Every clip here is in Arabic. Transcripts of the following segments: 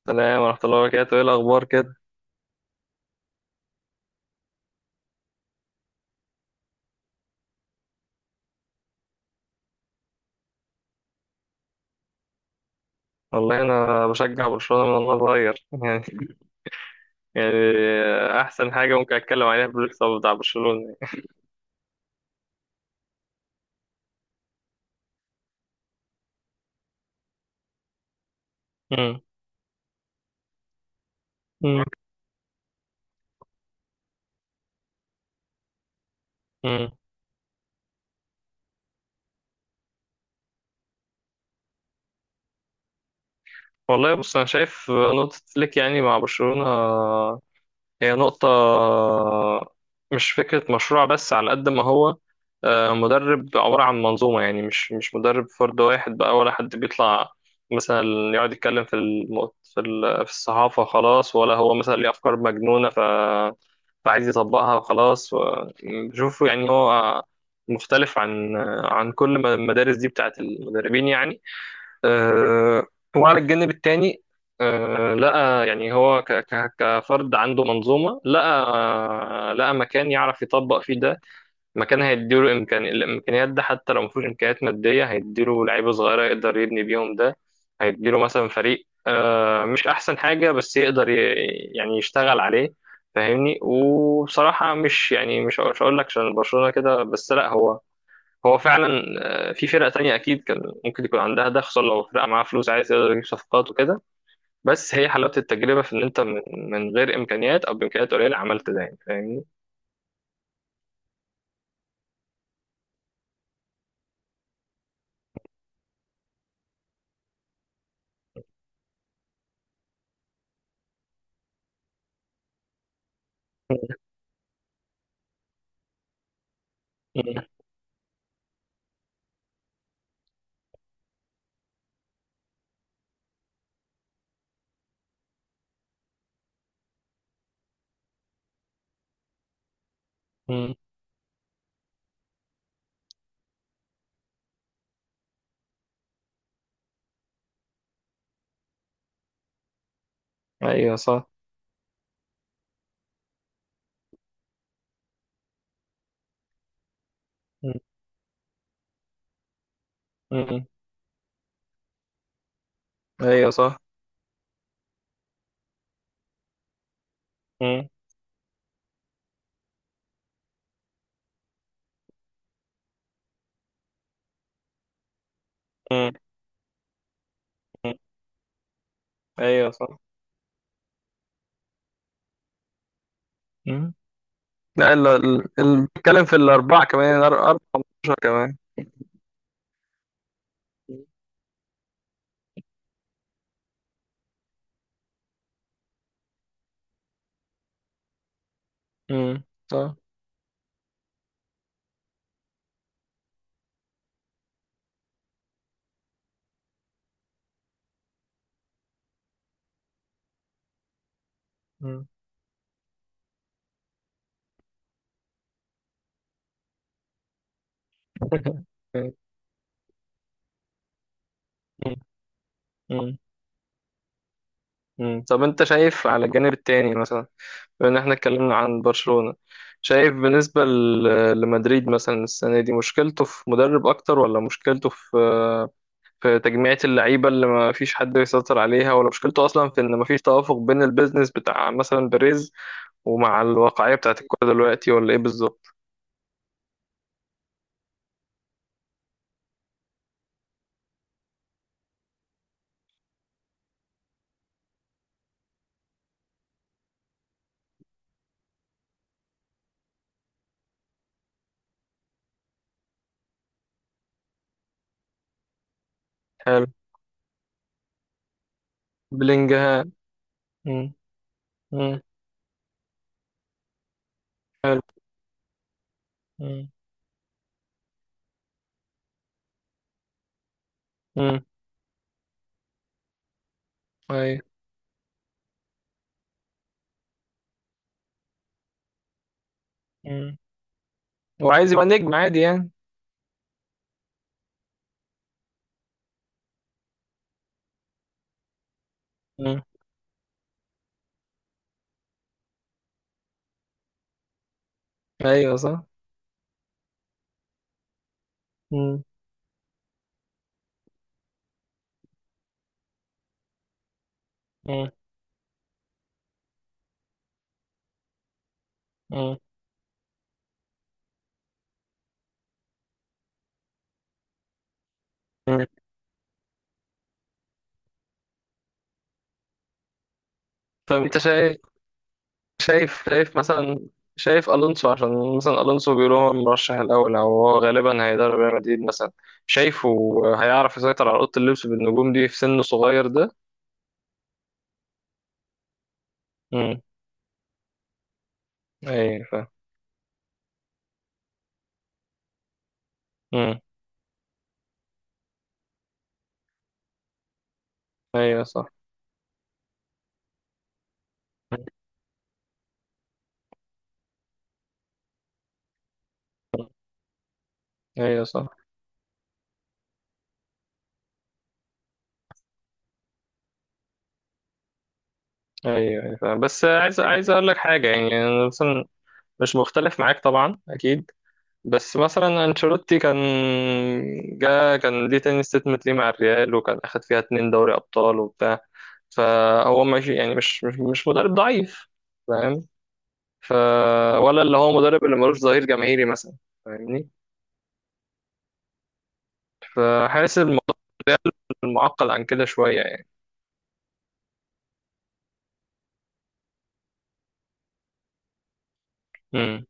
السلام ورحمة الله وبركاته، إيه الأخبار كده؟ والله أنا بشجع برشلونة من وأنا صغير، يعني أحسن حاجة ممكن أتكلم عليها في البريك اب بتاع برشلونة يعني. مم. مم. مم. والله بص أنا شايف نقطة فليك يعني مع برشلونة هي نقطة مش فكرة مشروع بس على قد ما هو مدرب عبارة عن منظومة يعني مش مدرب فرد واحد بقى ولا حد بيطلع مثلا يقعد يتكلم في الم... في ال... في الصحافة خلاص ولا هو مثلا ليه أفكار مجنونة فعايز يطبقها وخلاص بشوفه يعني هو مختلف عن كل المدارس دي بتاعت المدربين يعني آه، وعلى الجانب التاني آه، لقى يعني هو كفرد عنده منظومة لقى آه، لقى مكان يعرف يطبق فيه ده مكان هيديله الإمكانيات ده حتى لو مفيش إمكانيات مادية هيديله لعيبة صغيرة يقدر يبني بيهم ده هيديله مثلا فريق آه، مش أحسن حاجة بس يعني يشتغل عليه فاهمني وبصراحة مش يعني مش هقول لك عشان برشلونة كده بس لا هو فعلا آه، في فرق تانية أكيد كان ممكن يكون عندها ده خصوصا لو فرقة معاها فلوس عايز يقدر يجيب صفقات وكده بس هي حلاوة التجربة في إن أنت من, من غير إمكانيات أو بإمكانيات قليلة عملت ده يعني فاهمني؟ مم. مم. أيوه صح. مم. مم. أيوه صح. مم. مم. مم. أيوه صح. مم. لا بتتكلم في الأربعة كمان أربعة 15 كمان. مم. صح. مم. مم. مم. مم. طب انت شايف على الجانب التاني مثلا بما ان احنا اتكلمنا عن برشلونة شايف بالنسبة لمدريد مثلا السنة دي مشكلته في مدرب اكتر ولا مشكلته في في تجميعة اللعيبة اللي ما فيش حد يسيطر عليها ولا مشكلته اصلا في ان ما فيش توافق بين البيزنس بتاع مثلا بيريز ومع الواقعية بتاعت الكورة دلوقتي ولا ايه بالظبط؟ حلو. بلينجهام. مم. مم. حلو. مم. مم. ايوه. مم. وعايز يبقى نجم عادي يعني. مم. ايوه صح. مم. مم. مم. طب انت شايف شايف شايف مثلا شايف الونسو عشان مثلا الونسو بيقولوا هو المرشح الاول او هو غالبا هيدرب ريال مدريد مثلا شايفه هيعرف يسيطر على اوضه اللبس بالنجوم دي في سن صغير ده؟ امم. ايوه فاهم. امم. ايوه صح. مم. ايوه صح. ايوه فاهم، بس عايز اقول لك حاجه يعني انا مثلا مش مختلف معاك طبعا اكيد، بس مثلا انشيلوتي كان جا كان ليه تاني ستيتمنت ليه مع الريال وكان اخد فيها اتنين دوري ابطال وبتاع، فهو ماشي يعني مش مدرب ضعيف فاهم. ف ولا اللي هو مدرب اللي ملوش ظهير جماهيري مثلا فاهمني، فحاسس الموضوع معقد عن كده شويه يعني. امم.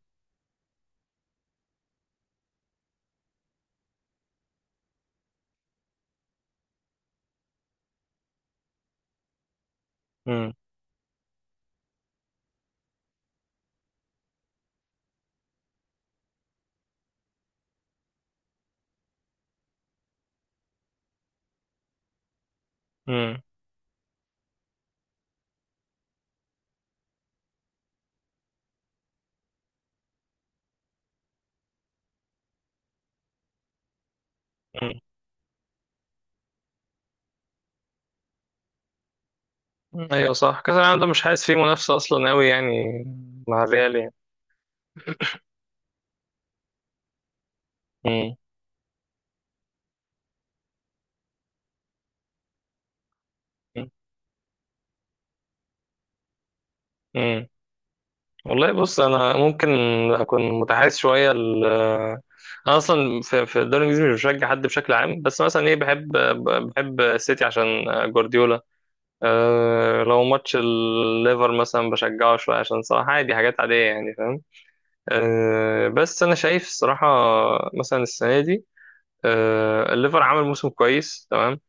امم. امم. أمم. ايوه صح كاس العالم ده مش حاسس فيه منافسه اصلا قوي يعني مع الريال يعني. امم. والله بص انا ممكن اكون متحيز شويه ل... انا اصلا في في الدوري الانجليزي مش بشجع حد بشكل عام بس مثلا ايه، بحب بحب السيتي عشان جوارديولا. أه لو ماتش الليفر مثلا بشجعه شويه عشان صراحه عادي حاجات عاديه يعني فاهم. أه بس انا شايف الصراحه مثلا السنه دي، أه الليفر عمل موسم كويس تمام،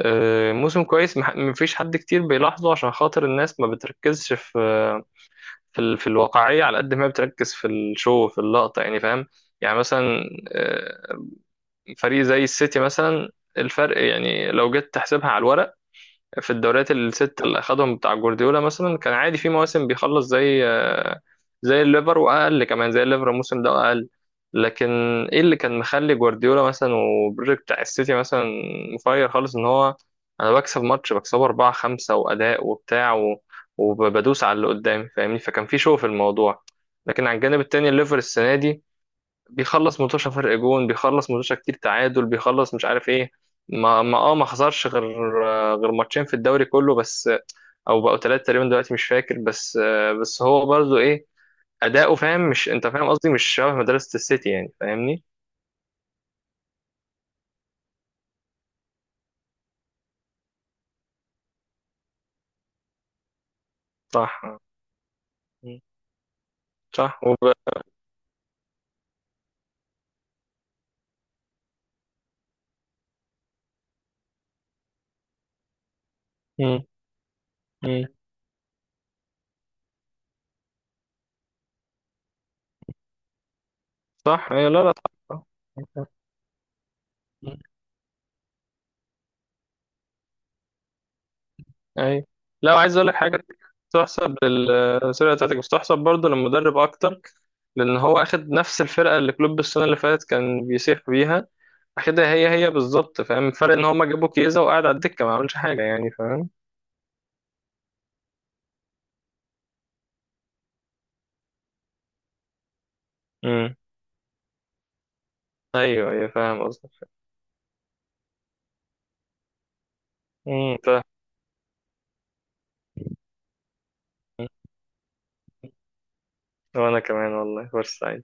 أه موسم كويس مفيش حد كتير بيلاحظه عشان خاطر الناس ما بتركزش في في ال... في الواقعية على قد ما هي بتركز في الشو في اللقطة يعني فاهم. يعني مثلا آه، فريق زي السيتي مثلا الفرق يعني لو جيت تحسبها على الورق في الدوريات الست اللي اخدهم بتاع جوارديولا مثلا كان عادي في مواسم بيخلص زي زي الليفر واقل كمان زي الليفر الموسم ده واقل، لكن ايه اللي كان مخلي جوارديولا مثلا وبريك بتاع السيتي مثلا مفير خالص ان هو انا بكسب ماتش بكسبه أربعة خمسة واداء وبتاع و... وبدوس على اللي قدامي فاهمني، فكان في شو في الموضوع، لكن على الجانب التاني الليفر السنة دي بيخلص متوشة فرق جون بيخلص متوشة كتير تعادل بيخلص مش عارف ايه ما خسرش غير غير ماتشين في الدوري كله بس او بقوا ثلاثة تقريبا دلوقتي مش فاكر، بس بس هو برضو ايه اداؤه فاهم مش انت فاهم قصدي مش شبه مدرسة السيتي يعني فاهمني. صح. مم. صح وب... مم. مم. صح ايه لا صح صح. مم. اي. لا عايز اقول لك حاجة تحسب للسيرة بتاعتك بس تحسب برضو للمدرب اكتر لأن هو أخد نفس الفرقة اللي كلوب السنة اللي فاتت كان بيسيح بيها، أخدها هي هي بالظبط فاهم الفرق إن هما جابوا كيزا وقعد على الدكة ما عملش حاجة يعني فاهم. امم. أيوه أيوه فاهم قصدك. فاهم. وأنا كمان والله فرصة.